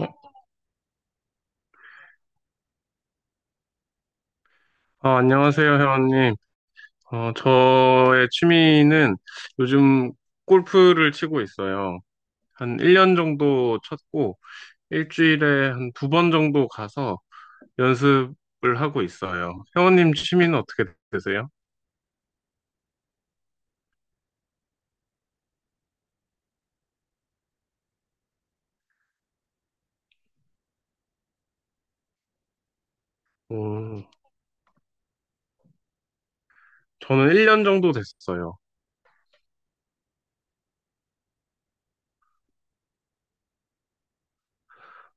어, 안녕하세요, 회원님. 저의 취미는 요즘 골프를 치고 있어요. 한 1년 정도 쳤고, 일주일에 한 두 번 정도 가서 연습을 하고 있어요. 회원님 취미는 어떻게 되세요? 음, 저는 1년 정도 됐어요.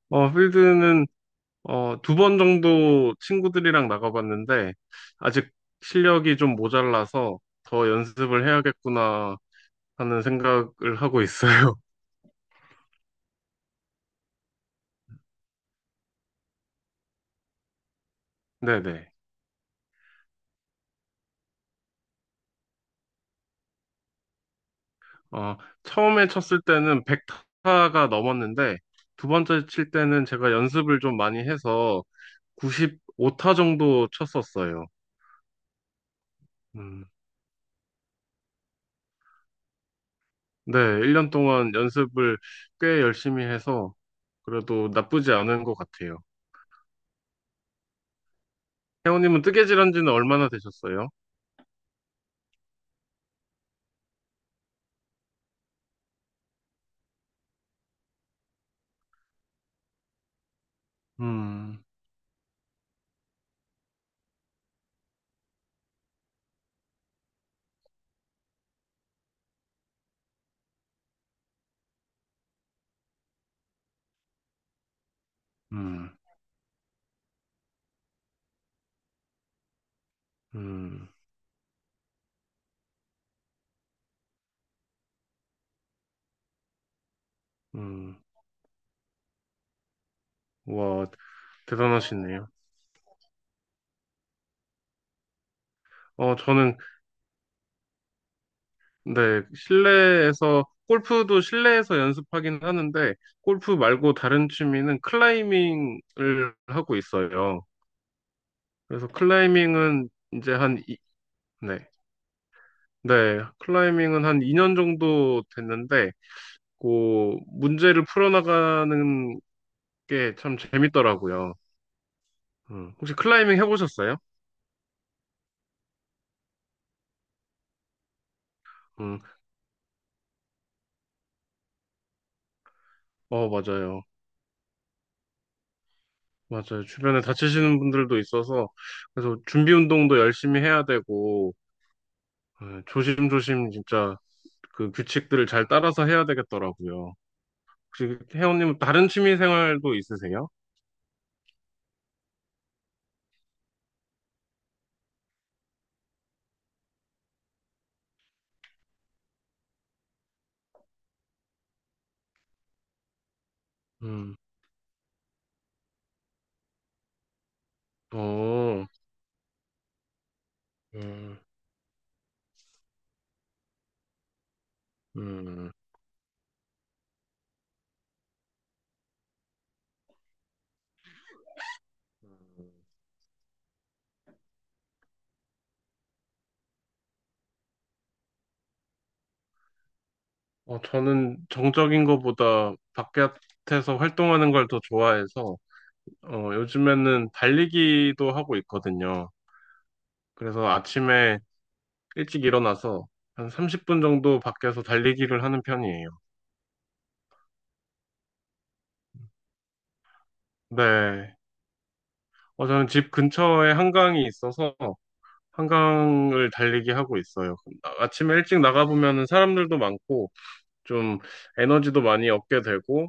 필드는 두 번 정도 친구들이랑 나가봤는데, 아직 실력이 좀 모자라서 더 연습을 해야겠구나 하는 생각을 하고 있어요. 네네. 어, 처음에 쳤을 때는 100타가 넘었는데, 두 번째 칠 때는 제가 연습을 좀 많이 해서 95타 정도 쳤었어요. 음, 네, 1년 동안 연습을 꽤 열심히 해서 그래도 나쁘지 않은 것 같아요. 혜원님은 뜨개질한 지는 얼마나 되셨어요? 음, 음, 음, 음. 와, 대단하시네요. 저는 네, 실내에서, 골프도 실내에서 연습하긴 하는데, 골프 말고 다른 취미는 클라이밍을 하고 있어요. 그래서 클라이밍은 이제 한, 이, 네, 네, 클라이밍은 한 2년 정도 됐는데, 문제를 풀어나가는 게 참 재밌더라고요. 혹시 클라이밍 해보셨어요? 음, 맞아요. 맞아요. 주변에 다치시는 분들도 있어서, 그래서 준비 운동도 열심히 해야 되고, 조심조심 진짜 그 규칙들을 잘 따라서 해야 되겠더라고요. 혹시 혜원님 다른 취미 생활도 있으세요? 음, 어, 음, 음. 저는 정적인 것보다 바깥에서 활동하는 걸 더 좋아해서 요즘에는 달리기도 하고 있거든요. 그래서 아침에 일찍 일어나서 한 30분 정도 밖에서 달리기를 하는 편이에요. 네. 저는 집 근처에 한강이 있어서 한강을 달리기 하고 있어요. 아침에 일찍 나가보면 사람들도 많고, 좀 에너지도 많이 얻게 되고,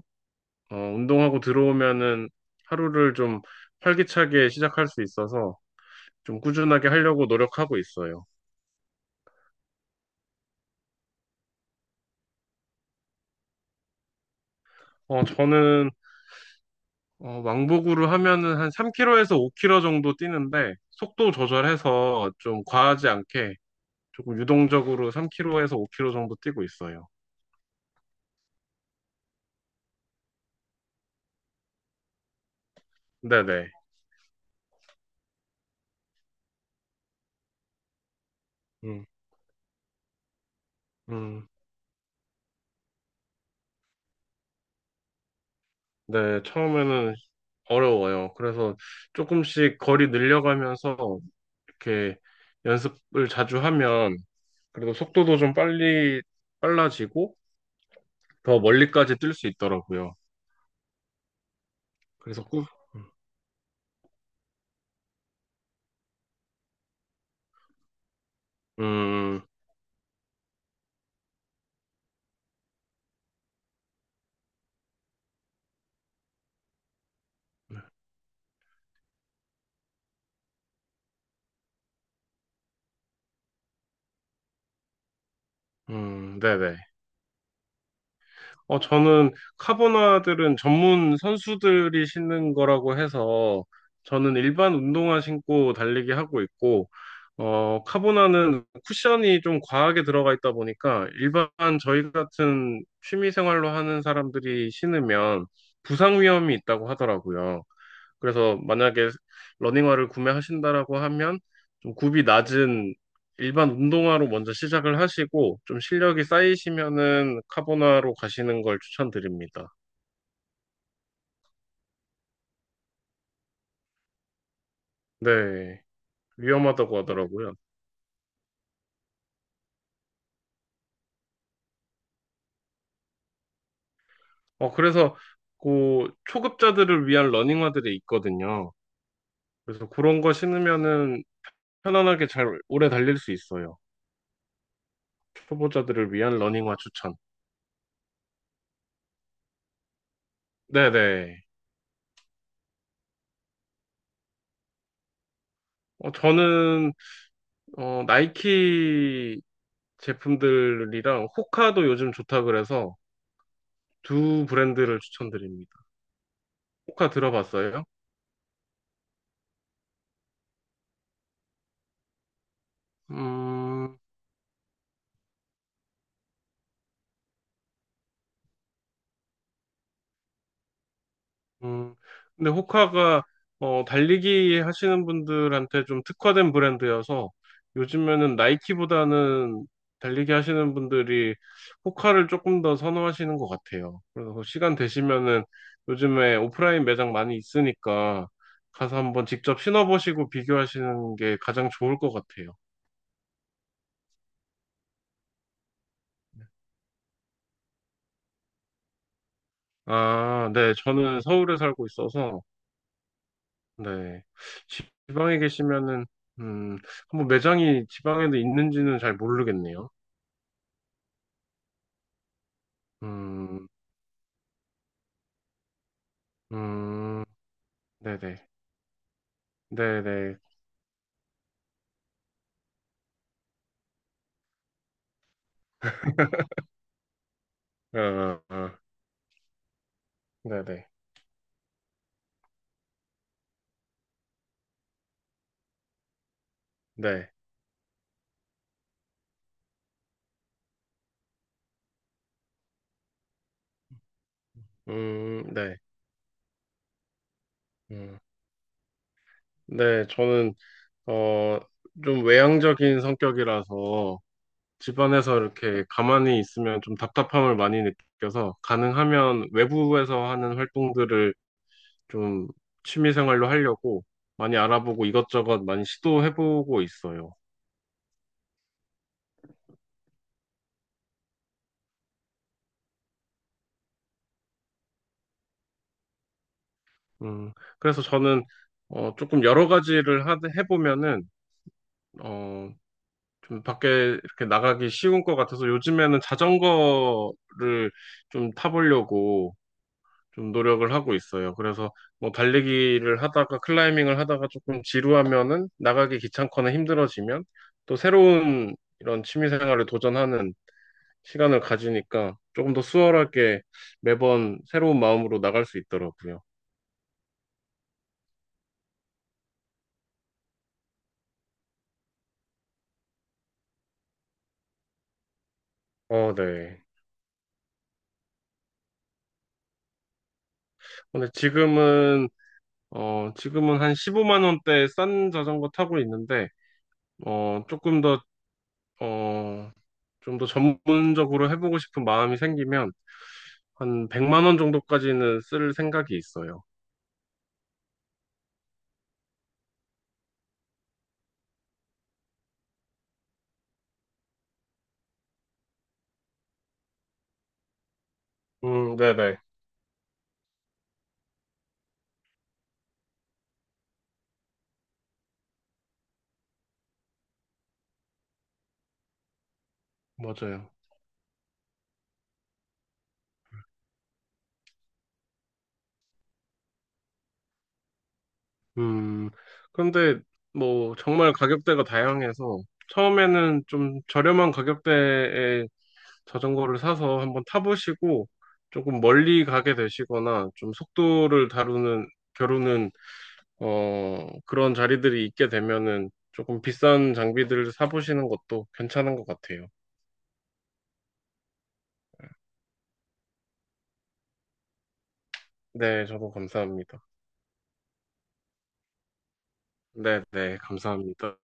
운동하고 들어오면은 하루를 좀 활기차게 시작할 수 있어서 좀 꾸준하게 하려고 노력하고 있어요. 저는 왕복으로 하면은 한 3km에서 5km 정도 뛰는데, 속도 조절해서 좀 과하지 않게 조금 유동적으로 3km에서 5km 정도 뛰고 있어요. 네네. 음, 음. 네, 처음에는 어려워요. 그래서 조금씩 거리 늘려가면서 이렇게 연습을 자주 하면 그래도 속도도 좀 빨리 빨라지고 더 멀리까지 뛸 수 있더라고요. 그래서 꾸, 음, 네네. 저는 카보나들은 전문 선수들이 신는 거라고 해서 저는 일반 운동화 신고 달리기 하고 있고, 카보나는 쿠션이 좀 과하게 들어가 있다 보니까 일반 저희 같은 취미 생활로 하는 사람들이 신으면 부상 위험이 있다고 하더라고요. 그래서 만약에 러닝화를 구매하신다라고 하면 좀 굽이 낮은 일반 운동화로 먼저 시작을 하시고 좀 실력이 쌓이시면은 카보나로 가시는 걸 추천드립니다. 네, 위험하다고 하더라고요. 그래서 그 초급자들을 위한 러닝화들이 있거든요. 그래서 그런 거 신으면은 편안하게 잘 오래 달릴 수 있어요. 초보자들을 위한 러닝화 추천. 네네. 저는 나이키 제품들이랑 호카도 요즘 좋다 그래서 두 브랜드를 추천드립니다. 호카 들어봤어요? 음, 음. 근데 호카가 달리기 하시는 분들한테 좀 특화된 브랜드여서 요즘에는 나이키보다는 달리기 하시는 분들이 호카를 조금 더 선호하시는 것 같아요. 그래서 시간 되시면은 요즘에 오프라인 매장 많이 있으니까 가서 한번 직접 신어보시고 비교하시는 게 가장 좋을 것 같아요. 아, 네. 저는 서울에 살고 있어서, 네. 지방에 계시면은, 음, 한번 매장이 지방에도 있는지는 잘 모르겠네요. 음, 음, 네네. 네네. 어, 어, 어, 네네. 네. 네. 음, 네. 저는, 어, 좀 외향적인 성격이라서, 집안에서 이렇게 가만히 있으면 좀 답답함을 많이 느껴서, 가능하면 외부에서 하는 활동들을 좀 취미 생활로 하려고 많이 알아보고 이것저것 많이 시도해보고 있어요. 음, 그래서 저는 조금 여러 가지를 해보면은 어, 좀 밖에 이렇게 나가기 쉬운 것 같아서 요즘에는 자전거를 좀 타보려고 좀 노력을 하고 있어요. 그래서 뭐 달리기를 하다가 클라이밍을 하다가 조금 지루하면은 나가기 귀찮거나 힘들어지면 또 새로운 이런 취미 생활을 도전하는 시간을 가지니까 조금 더 수월하게 매번 새로운 마음으로 나갈 수 있더라고요. 어, 네. 근데 지금은 한 15만 원대 싼 자전거 타고 있는데, 어, 조금 더, 어, 좀 더 전문적으로 해보고 싶은 마음이 생기면 한 100만 원 정도까지는 쓸 생각이 있어요. 네네. 맞아요. 음, 근데 뭐 정말 가격대가 다양해서 처음에는 좀 저렴한 가격대에 자전거를 사서 한번 타보시고 조금 멀리 가게 되시거나 좀 속도를 다루는 겨루는 그런 자리들이 있게 되면은 조금 비싼 장비들을 사보시는 것도 괜찮은 것 같아요. 네, 저도 감사합니다. 네, 네, 감사합니다.